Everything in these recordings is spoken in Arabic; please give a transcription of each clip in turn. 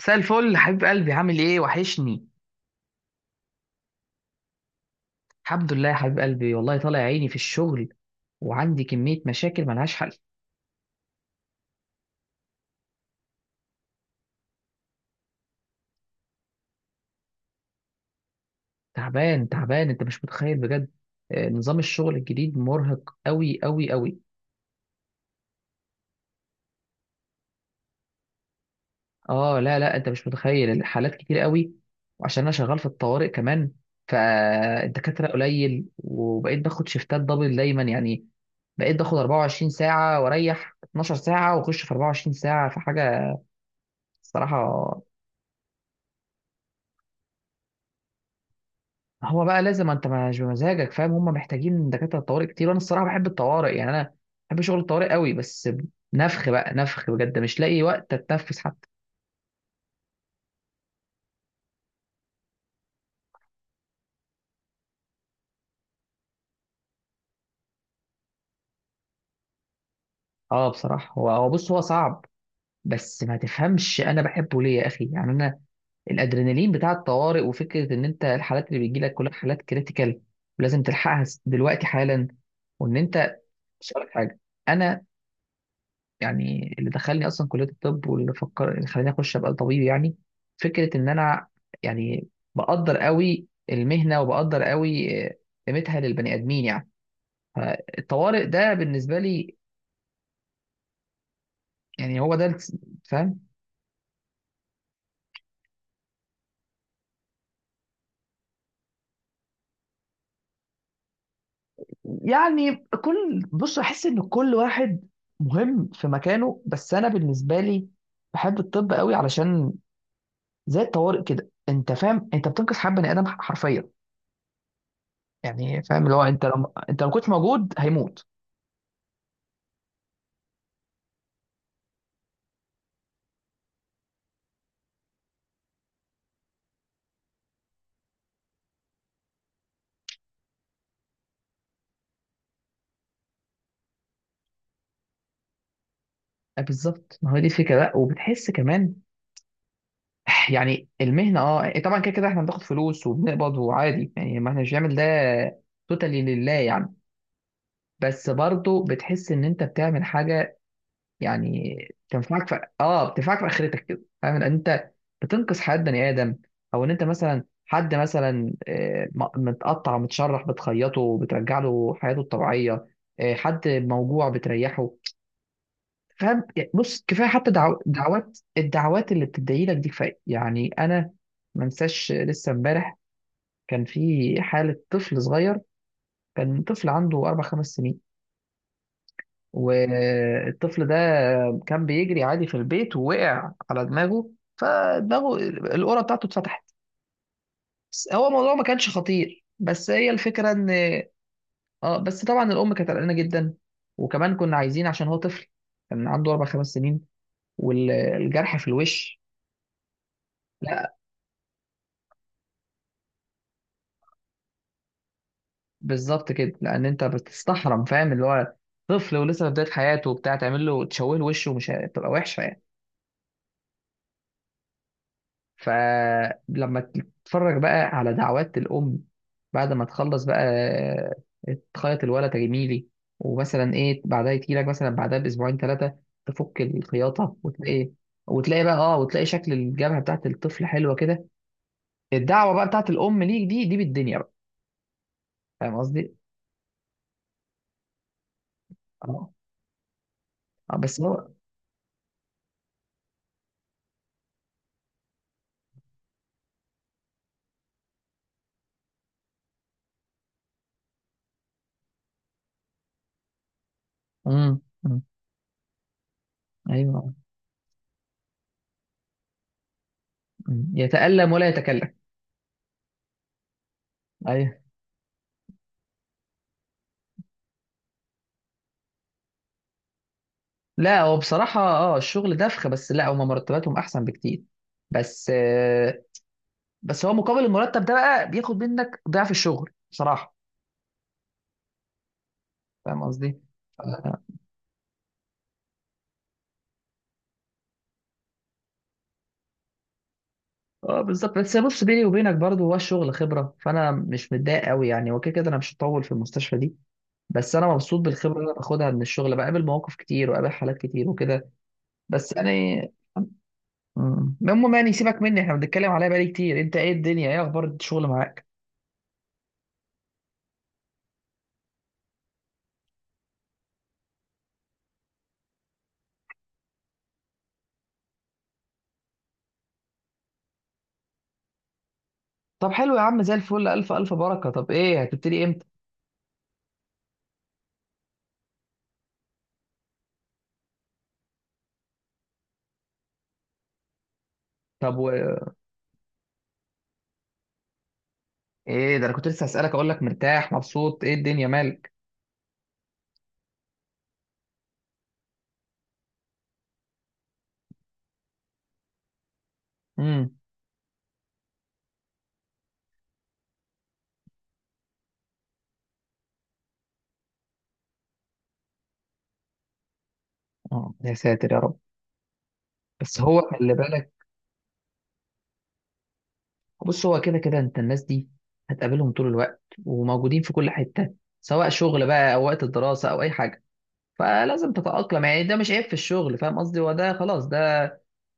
مساء الفل حبيب قلبي، عامل ايه؟ وحشني. الحمد لله يا حبيب قلبي، والله طالع عيني في الشغل، وعندي كمية مشاكل ملهاش حل. تعبان تعبان، انت مش متخيل بجد. نظام الشغل الجديد مرهق قوي قوي قوي. اه لا لا، انت مش متخيل، الحالات كتير قوي. وعشان انا شغال في الطوارئ كمان، فالدكاترة قليل، وبقيت باخد شيفتات دبل دايما يعني. بقيت باخد 24 ساعة واريح 12 ساعة واخش في 24 ساعة، في حاجة الصراحة. هو بقى لازم، انت مش بمزاجك، فاهم؟ هم محتاجين دكاتره طوارئ كتير، وانا الصراحه بحب الطوارئ يعني. انا بحب شغل الطوارئ قوي، بس نفخ بقى، نفخ بجد، مش لاقي وقت اتنفس حتى. اه بصراحه هو بص، هو صعب، بس ما تفهمش، انا بحبه ليه يا اخي؟ يعني انا الادرينالين بتاع الطوارئ، وفكره ان انت الحالات اللي بيجي لك كلها حالات كريتيكال ولازم تلحقها دلوقتي حالا، وان انت، مش هقولك حاجه. انا يعني اللي دخلني اصلا كليه الطب، واللي فكر، اللي خلاني اخش ابقى طبيب يعني، فكره ان انا يعني بقدر قوي المهنه، وبقدر قوي قيمتها للبني ادمين يعني. فالطوارئ ده بالنسبه لي يعني، فاهم؟ يعني كل، بص، احس ان كل واحد مهم في مكانه، بس انا بالنسبه لي بحب الطب قوي، علشان زي الطوارئ كده، انت فاهم، انت بتنقذ حياه بني ادم حرفيا يعني. فاهم اللي هو انت لو، ما كنتش موجود هيموت. بالظبط، ما هو دي الفكره بقى. وبتحس كمان يعني المهنه، اه إيه، طبعا كده كده احنا بناخد فلوس وبنقبض وعادي يعني، ما احنا مش بنعمل ده توتالي لله يعني. بس برضه بتحس ان انت بتعمل حاجه يعني تنفعك في، بتنفعك في اخرتك كده. فاهم ان انت بتنقذ حياه بني ادم، او ان انت مثلا حد مثلا متقطع ومتشرح بتخيطه وبترجع له حياته الطبيعيه. حد موجوع بتريحه. فاهم يعني؟ بص، كفايه حتى دعوات الدعوات اللي بتدعي لك دي، كفايه يعني. انا ما انساش لسه امبارح كان في حاله طفل صغير، كان طفل عنده 4 5 سنين. والطفل ده كان بيجري عادي في البيت ووقع على دماغه، فدماغه القرة بتاعته اتفتحت. بس هو الموضوع ما كانش خطير، بس هي الفكره ان، اه، بس طبعا الام كانت قلقانه جدا. وكمان كنا عايزين، عشان هو طفل كان عنده 4 5 سنين والجرح في الوش. لا بالظبط كده، لان انت بتستحرم. فاهم اللي هو طفل ولسه في بدايه حياته وبتاع، تعمل له تشوه، له وشه ومش هتبقى وحشه يعني. فلما تتفرج بقى على دعوات الام بعد ما تخلص بقى، تخيط الولد جميلي، ومثلا ايه، بعدها يجي لك مثلا بعدها باسبوعين ثلاثه تفك الخياطه، وتلاقي وتلاقي بقى اه وتلاقي شكل الجبهه بتاعت الطفل حلوه كده، الدعوه بقى بتاعت الام ليك دي، دي بالدنيا بقى. فاهم قصدي؟ اه. بس هو، أمم، ايوه، يتألم ولا يتكلم. ايوه، لا هو بصراحة، اه، الشغل دفخ، بس لا هما مرتباتهم احسن بكتير. بس بس هو مقابل المرتب ده بقى بياخد منك ضعف الشغل بصراحة. فاهم قصدي؟ اه. بالظبط. بس بص، بيني وبينك برضو، هو الشغل خبرة، فانا مش متضايق قوي يعني. هو كده كده انا مش هطول في المستشفى دي، بس انا مبسوط بالخبره اللي انا باخدها من الشغل، بقابل مواقف كتير وقابل حالات كتير وكده. بس يعني المهم يعني، سيبك مني، احنا بنتكلم عليها بقالي كتير. انت ايه الدنيا؟ ايه اخبار الشغل معاك؟ طب حلو يا عم، زي الفل، الف الف بركه. طب ايه، هتبتدي امتى؟ طب و... ايه ده، انا كنت لسه هسالك اقول لك مرتاح مبسوط، ايه الدنيا مالك؟ امم. اه يا ساتر يا رب، بس هو خلي بالك. بص، هو كده كده انت الناس دي هتقابلهم طول الوقت، وموجودين في كل حته، سواء شغل بقى، او وقت الدراسه، او اي حاجه. فلازم تتاقلم يعني، ده مش عيب في الشغل. فاهم قصدي؟ هو ده، خلاص، ده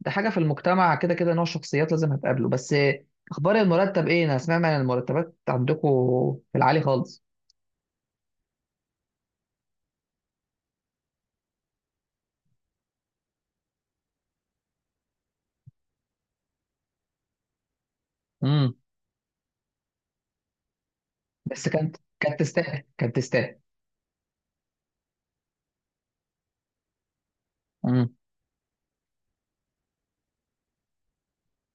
ده حاجه في المجتمع كده كده. نوع شخصيات لازم هتقابله. بس اخبار المرتب ايه؟ انا سمعت عن المرتبات عندكم في العالي خالص. إمم. بس كانت، كانت تستاهل، كانت تستاهل. امم،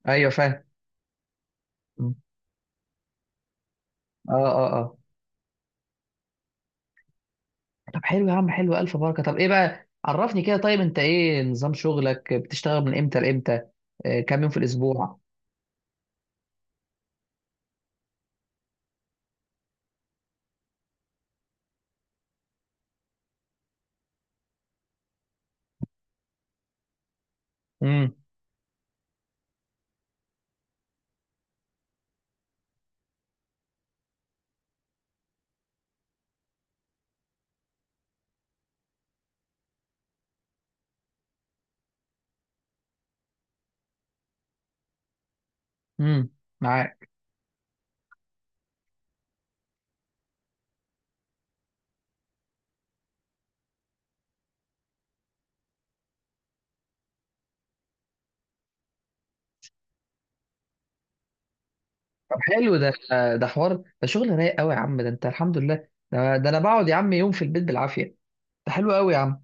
ايوه فاهم. مم. اه اه اه طب حلو يا عم، حلو، الف بركه. طب ايه بقى، عرفني كده، طيب انت ايه نظام شغلك؟ بتشتغل من امتى لامتى؟ آه كام يوم في الاسبوع؟ امم، امم، معاك. طب حلو ده، ده حوار، ده شغل رايق قوي يا عم، ده انت الحمد لله. ده انا بقعد يا عم يوم في البيت بالعافيه. ده حلو قوي يا عم.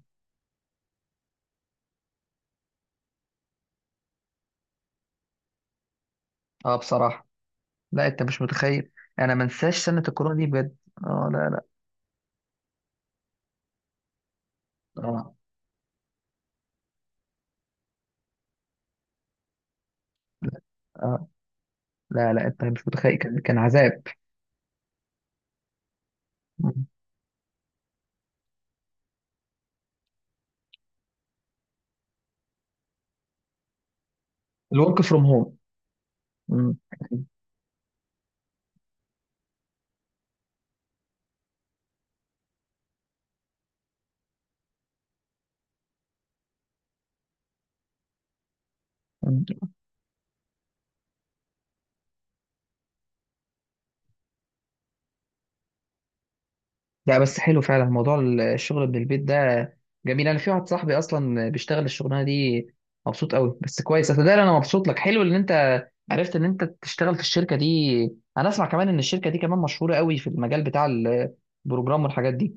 اه بصراحه، لا انت مش متخيل، انا ما انساش سنه الكورونا دي بجد. اه لا لا. اه لا. آه. لا، لا، انت مش متخيل، كان، كان عذاب. مم. الورك فروم هوم. مم. مم. لا بس حلو فعلا موضوع الشغل من البيت ده، جميل. انا في واحد صاحبي اصلا بيشتغل الشغلانه دي، مبسوط قوي. بس كويس، اتدرى، انا مبسوط لك، حلو ان انت عرفت ان انت تشتغل في الشركه دي. انا اسمع كمان ان الشركه دي كمان مشهوره قوي في المجال بتاع البروجرام والحاجات دي.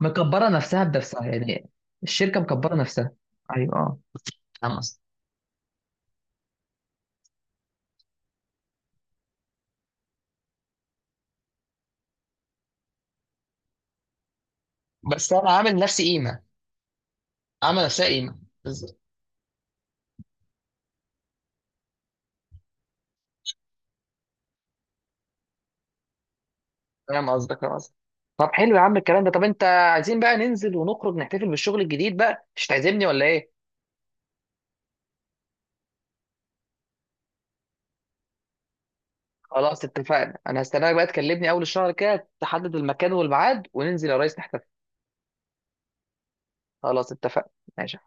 مكبره نفسها بنفسها يعني، الشركه مكبره نفسها. ايوه، اه، فاهم قصدي. بس انا عامل نفسي قيمه، عامل نفسها قيمه. فاهم قصدك، فاهم قصدك. طب حلو يا عم الكلام ده. طب انت، عايزين بقى ننزل ونخرج نحتفل بالشغل الجديد بقى، مش هتعزمني ولا ايه؟ خلاص اتفقنا، انا هستناك بقى، تكلمني اول الشهر كده، تحدد المكان والميعاد وننزل يا ريس نحتفل. خلاص اتفقنا. ماشي.